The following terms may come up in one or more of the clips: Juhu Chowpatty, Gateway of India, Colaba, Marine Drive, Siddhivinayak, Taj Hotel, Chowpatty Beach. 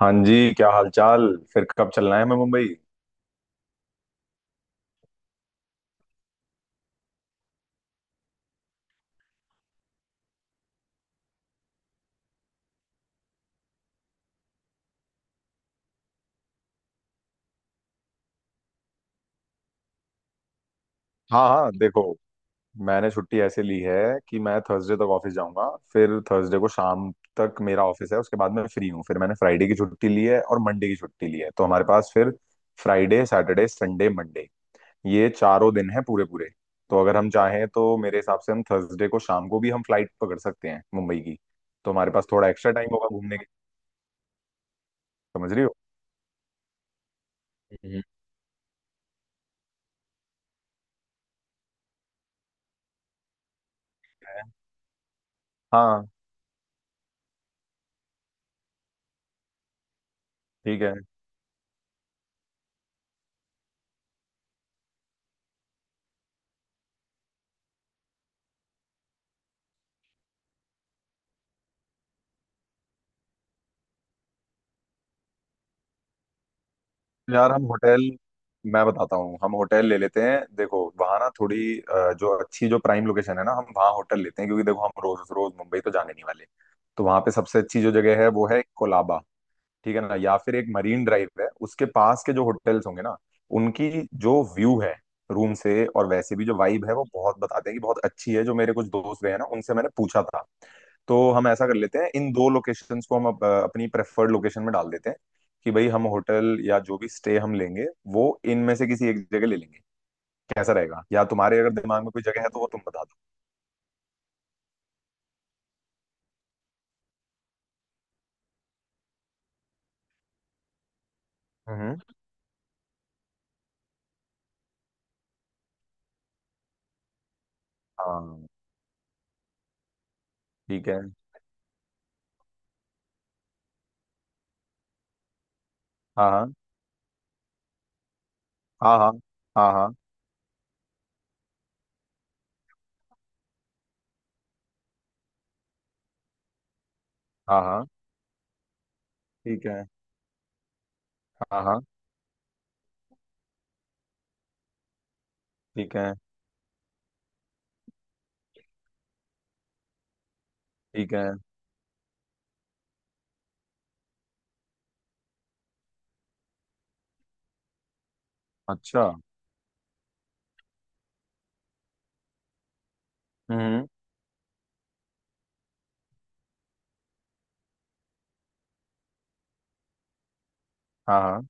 हाँ जी, क्या हालचाल। फिर कब चलना है मैं मुंबई। हाँ हाँ, देखो, मैंने छुट्टी ऐसे ली है कि मैं थर्सडे तक ऑफिस जाऊंगा, फिर थर्सडे को शाम तक मेरा ऑफिस है, उसके बाद मैं फ्री हूँ। फिर मैंने फ्राइडे की छुट्टी ली है और मंडे की छुट्टी ली है, तो हमारे पास फिर फ्राइडे सैटरडे संडे मंडे ये चारों दिन हैं पूरे पूरे। तो अगर हम चाहें तो मेरे हिसाब से हम थर्सडे को शाम को भी हम फ्लाइट पकड़ सकते हैं मुंबई की। तो हमारे पास थोड़ा एक्स्ट्रा टाइम होगा घूमने के। समझ रही हो। हम्म। हाँ, ठीक है। यार हम होटल, मैं बताता हूँ, हम होटल ले लेते हैं। देखो वहां ना थोड़ी जो अच्छी जो प्राइम लोकेशन है ना, हम वहाँ होटल लेते हैं, क्योंकि देखो हम रोज रोज मुंबई तो जाने नहीं वाले। तो वहां पे सबसे अच्छी जो जगह है वो है कोलाबा। ठीक है ना, या फिर एक मरीन ड्राइव है, उसके पास के जो होटल्स होंगे ना, उनकी जो व्यू है रूम से, और वैसे भी जो वाइब है वो बहुत, बताते हैं कि बहुत अच्छी है। जो मेरे कुछ दोस्त गए हैं ना, उनसे मैंने पूछा था। तो हम ऐसा कर लेते हैं, इन दो लोकेशंस को हम अपनी प्रेफर्ड लोकेशन में डाल देते हैं कि भाई हम होटल या जो भी स्टे हम लेंगे, वो इनमें से किसी एक जगह ले लेंगे। कैसा रहेगा, या तुम्हारे अगर दिमाग में कोई जगह है तो वो तुम बता दो। हम्म। हाँ, ठीक है। हाँ हाँ हाँ। हाँ हाँ। हाँ हाँ। हाँ, ठीक है। हाँ हाँ। ठीक है। ठीक है। अच्छा। हम्म। हाँ हाँ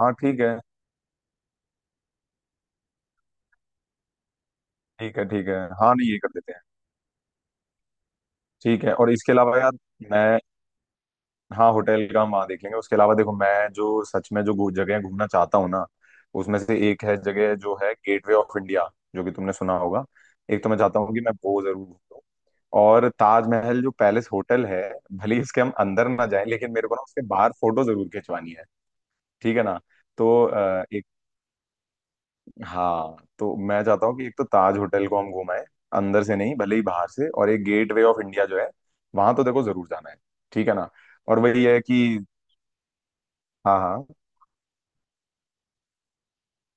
हाँ। ठीक है। ठीक है। ठीक है। हाँ, नहीं ये कर देते हैं। ठीक है, और इसके अलावा यार, मैं, हाँ होटल का हम वहाँ देख लेंगे। उसके अलावा देखो, मैं जो सच में जो जगह घूमना चाहता हूँ ना, उसमें से एक है जगह जो है गेटवे ऑफ इंडिया, जो कि तुमने सुना होगा। एक तो मैं चाहता हूँ कि मैं वो जरूर घूमूं। और ताजमहल जो पैलेस होटल है, भले ही इसके हम अंदर ना जाए, लेकिन मेरे को ना उसके बाहर फोटो जरूर खिंचवानी है। ठीक है ना। तो हाँ, तो मैं चाहता हूँ कि एक तो ताज होटल को हम घुमाएं अंदर से नहीं भले ही बाहर से, और एक गेट वे ऑफ इंडिया जो है, वहां तो देखो जरूर जाना है। ठीक है ना। और वही है कि, हाँ हाँ,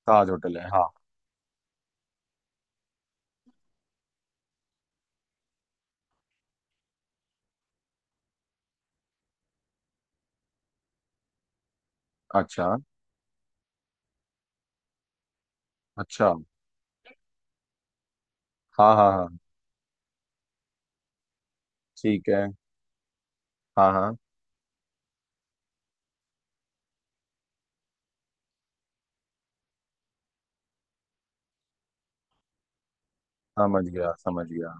ताज होटल है हाँ। अच्छा अच्छा। हाँ हाँ हाँ। ठीक है। हाँ हाँ। समझ गया समझ गया।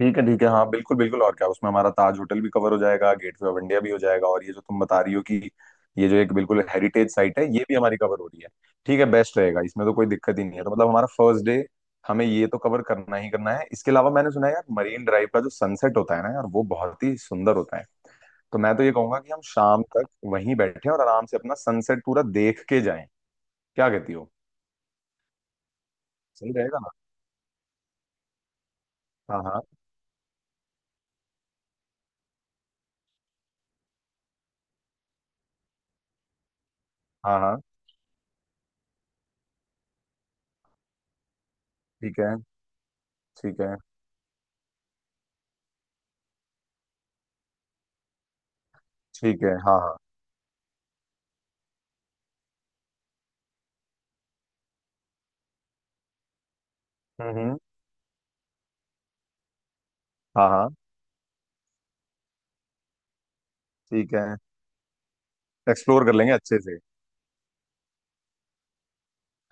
ठीक है ठीक है। हाँ बिल्कुल बिल्कुल, और क्या उसमें हमारा ताज होटल भी कवर हो जाएगा, गेटवे ऑफ इंडिया भी हो जाएगा, और ये जो तुम बता रही हो कि, ये जो एक बिल्कुल हेरिटेज साइट है, ये भी हमारी कवर हो रही है। ठीक है, बेस्ट रहेगा, इसमें तो कोई दिक्कत ही नहीं है। तो मतलब हमारा फर्स्ट डे, हमें ये तो कवर करना ही करना है। इसके अलावा मैंने सुना है यार, मरीन ड्राइव का जो सनसेट होता है ना यार, वो बहुत ही सुंदर होता है। तो मैं तो ये कहूंगा कि हम शाम तक वहीं बैठे और आराम से अपना सनसेट पूरा देख के जाएं। क्या कहती हो, सही रहेगा ना। हाँ हाँ हाँ। हाँ ठीक है ठीक है ठीक है। हाँ हाँ। हम्म हम्म, हाँ हाँ। ठीक है, एक्सप्लोर कर लेंगे अच्छे से।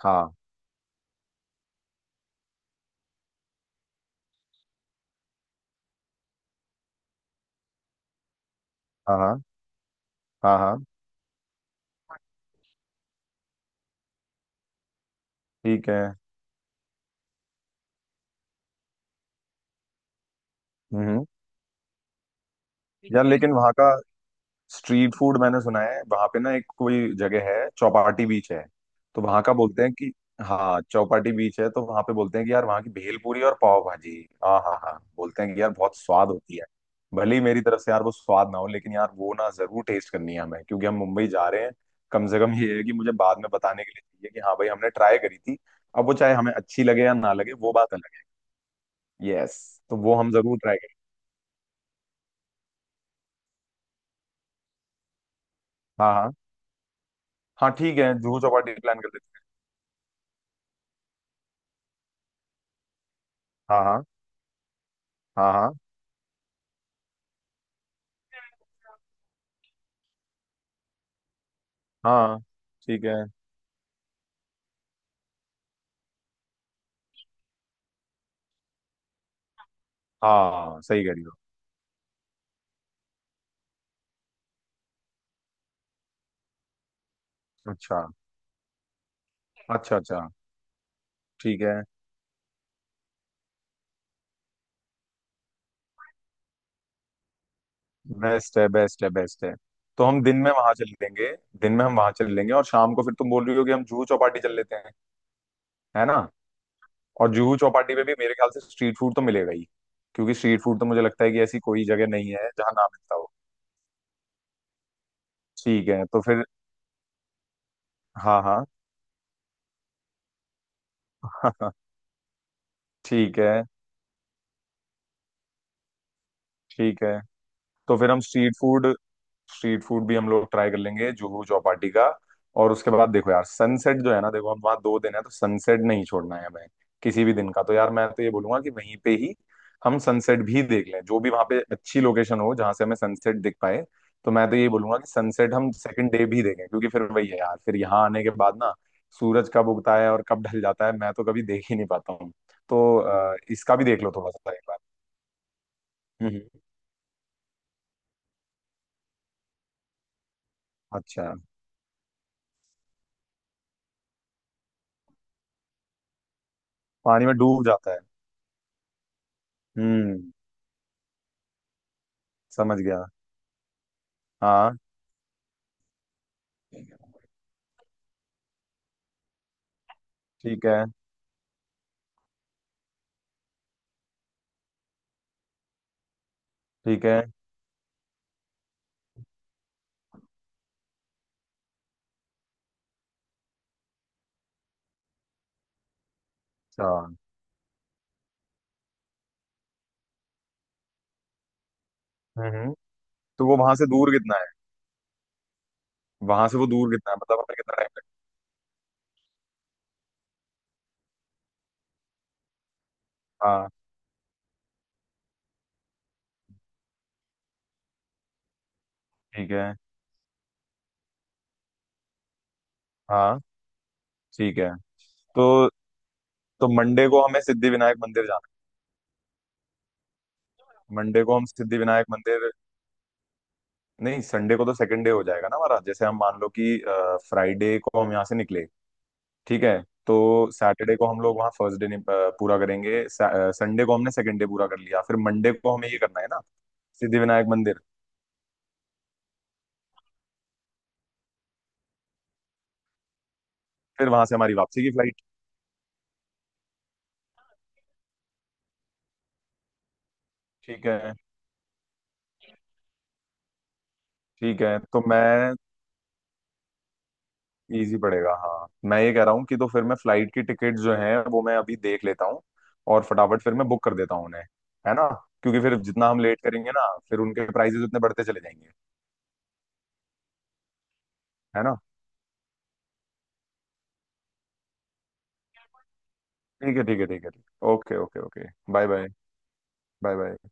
हाँ हाँ हाँ। हाँ हाँ। ठीक है। हम्म। यार लेकिन वहाँ का स्ट्रीट फूड, मैंने सुना है वहाँ पे ना एक कोई जगह है चौपाटी बीच है, तो वहाँ का बोलते हैं कि, हाँ चौपाटी बीच है तो वहाँ पे बोलते हैं कि यार वहाँ की भेल पूरी और पाव भाजी, हाँ हाँ हाँ, बोलते हैं कि यार बहुत स्वाद होती है। भले ही मेरी तरफ से यार वो स्वाद ना हो, लेकिन यार वो ना जरूर टेस्ट करनी है हमें, क्योंकि हम मुंबई जा रहे हैं। कम से कम ये है कि मुझे बाद में बताने के लिए चाहिए कि हाँ भाई हमने ट्राई करी थी। अब वो चाहे हमें अच्छी लगे या ना लगे, वो बात अलग है। यस, तो वो हम जरूर ट्राई करेंगे। हाँ हाँ हाँ। ठीक है, जुहू चौपाटी प्लान कर लेते हैं। हाँ हाँ हाँ। हाँ हाँ। ठीक है। हाँ सही कह रही हो। अच्छा अच्छा। अच्छा ठीक है। बेस्ट है बेस्ट है बेस्ट है। तो हम दिन में वहां चल लेंगे, दिन में हम वहां चल लेंगे, और शाम को फिर तुम बोल रही हो कि हम जुहू चौपाटी चल लेते हैं। है ना। और जुहू चौपाटी पे भी मेरे ख्याल से स्ट्रीट फूड तो मिलेगा ही, क्योंकि स्ट्रीट फूड तो मुझे लगता है कि ऐसी कोई जगह नहीं है जहाँ ना मिलता हो। ठीक है, तो फिर, हाँ हाँ, ठीक है ठीक है। तो फिर हम स्ट्रीट फूड, स्ट्रीट फूड भी हम लोग ट्राई कर लेंगे जुहू चौपाटी का। और उसके बाद देखो यार, सनसेट जो है ना, देखो हम वहाँ दो दिन है तो सनसेट नहीं छोड़ना है हमें किसी भी दिन का। तो यार मैं तो ये बोलूंगा कि वहीं पे ही हम सनसेट भी देख लें, जो भी वहाँ पे अच्छी लोकेशन हो जहाँ से हमें सनसेट दिख पाए। तो मैं तो ये बोलूंगा कि सनसेट हम सेकंड डे भी देखें, क्योंकि फिर वही है यार, फिर यहाँ आने के बाद ना सूरज कब उगता है और कब ढल जाता है मैं तो कभी देख ही नहीं पाता हूँ। तो इसका भी देख लो थोड़ा सा एक बार। हम्म। अच्छा। पानी में डूब जाता है। हम्म। समझ गया। हाँ। ठीक है ठीक है। अच्छा। हम्म। तो वो वहां से दूर कितना है। वहां से वो दूर कितना है, मतलब हमें कितना टाइम लगेगा। हाँ। ठीक है। हाँ। ठीक है तो तो मंडे को हमें सिद्धि विनायक मंदिर जाना है। मंडे को हम सिद्धि विनायक मंदिर, नहीं संडे को तो सेकंड डे हो जाएगा ना हमारा। जैसे हम मान लो कि फ्राइडे को हम यहाँ से निकले, ठीक है, तो सैटरडे को हम लोग वहाँ फर्स्ट डे पूरा करेंगे, संडे को हमने सेकंड डे पूरा कर लिया, फिर मंडे को हमें ये करना है ना, सिद्धि विनायक मंदिर। फिर वहां से हमारी वापसी की फ्लाइट। ठीक है। ठीक है तो मैं, इजी पड़ेगा हाँ। मैं ये कह रहा हूँ कि तो फिर मैं फ्लाइट की टिकट जो है वो मैं अभी देख लेता हूँ, और फटाफट फिर मैं बुक कर देता हूँ उन्हें। है ना। क्योंकि फिर जितना हम लेट करेंगे ना, फिर उनके प्राइसेस उतने बढ़ते चले जाएंगे। है ना। ठीक है ठीक है ठीक है, ठीक, okay okay okay. Bye bye. Bye bye.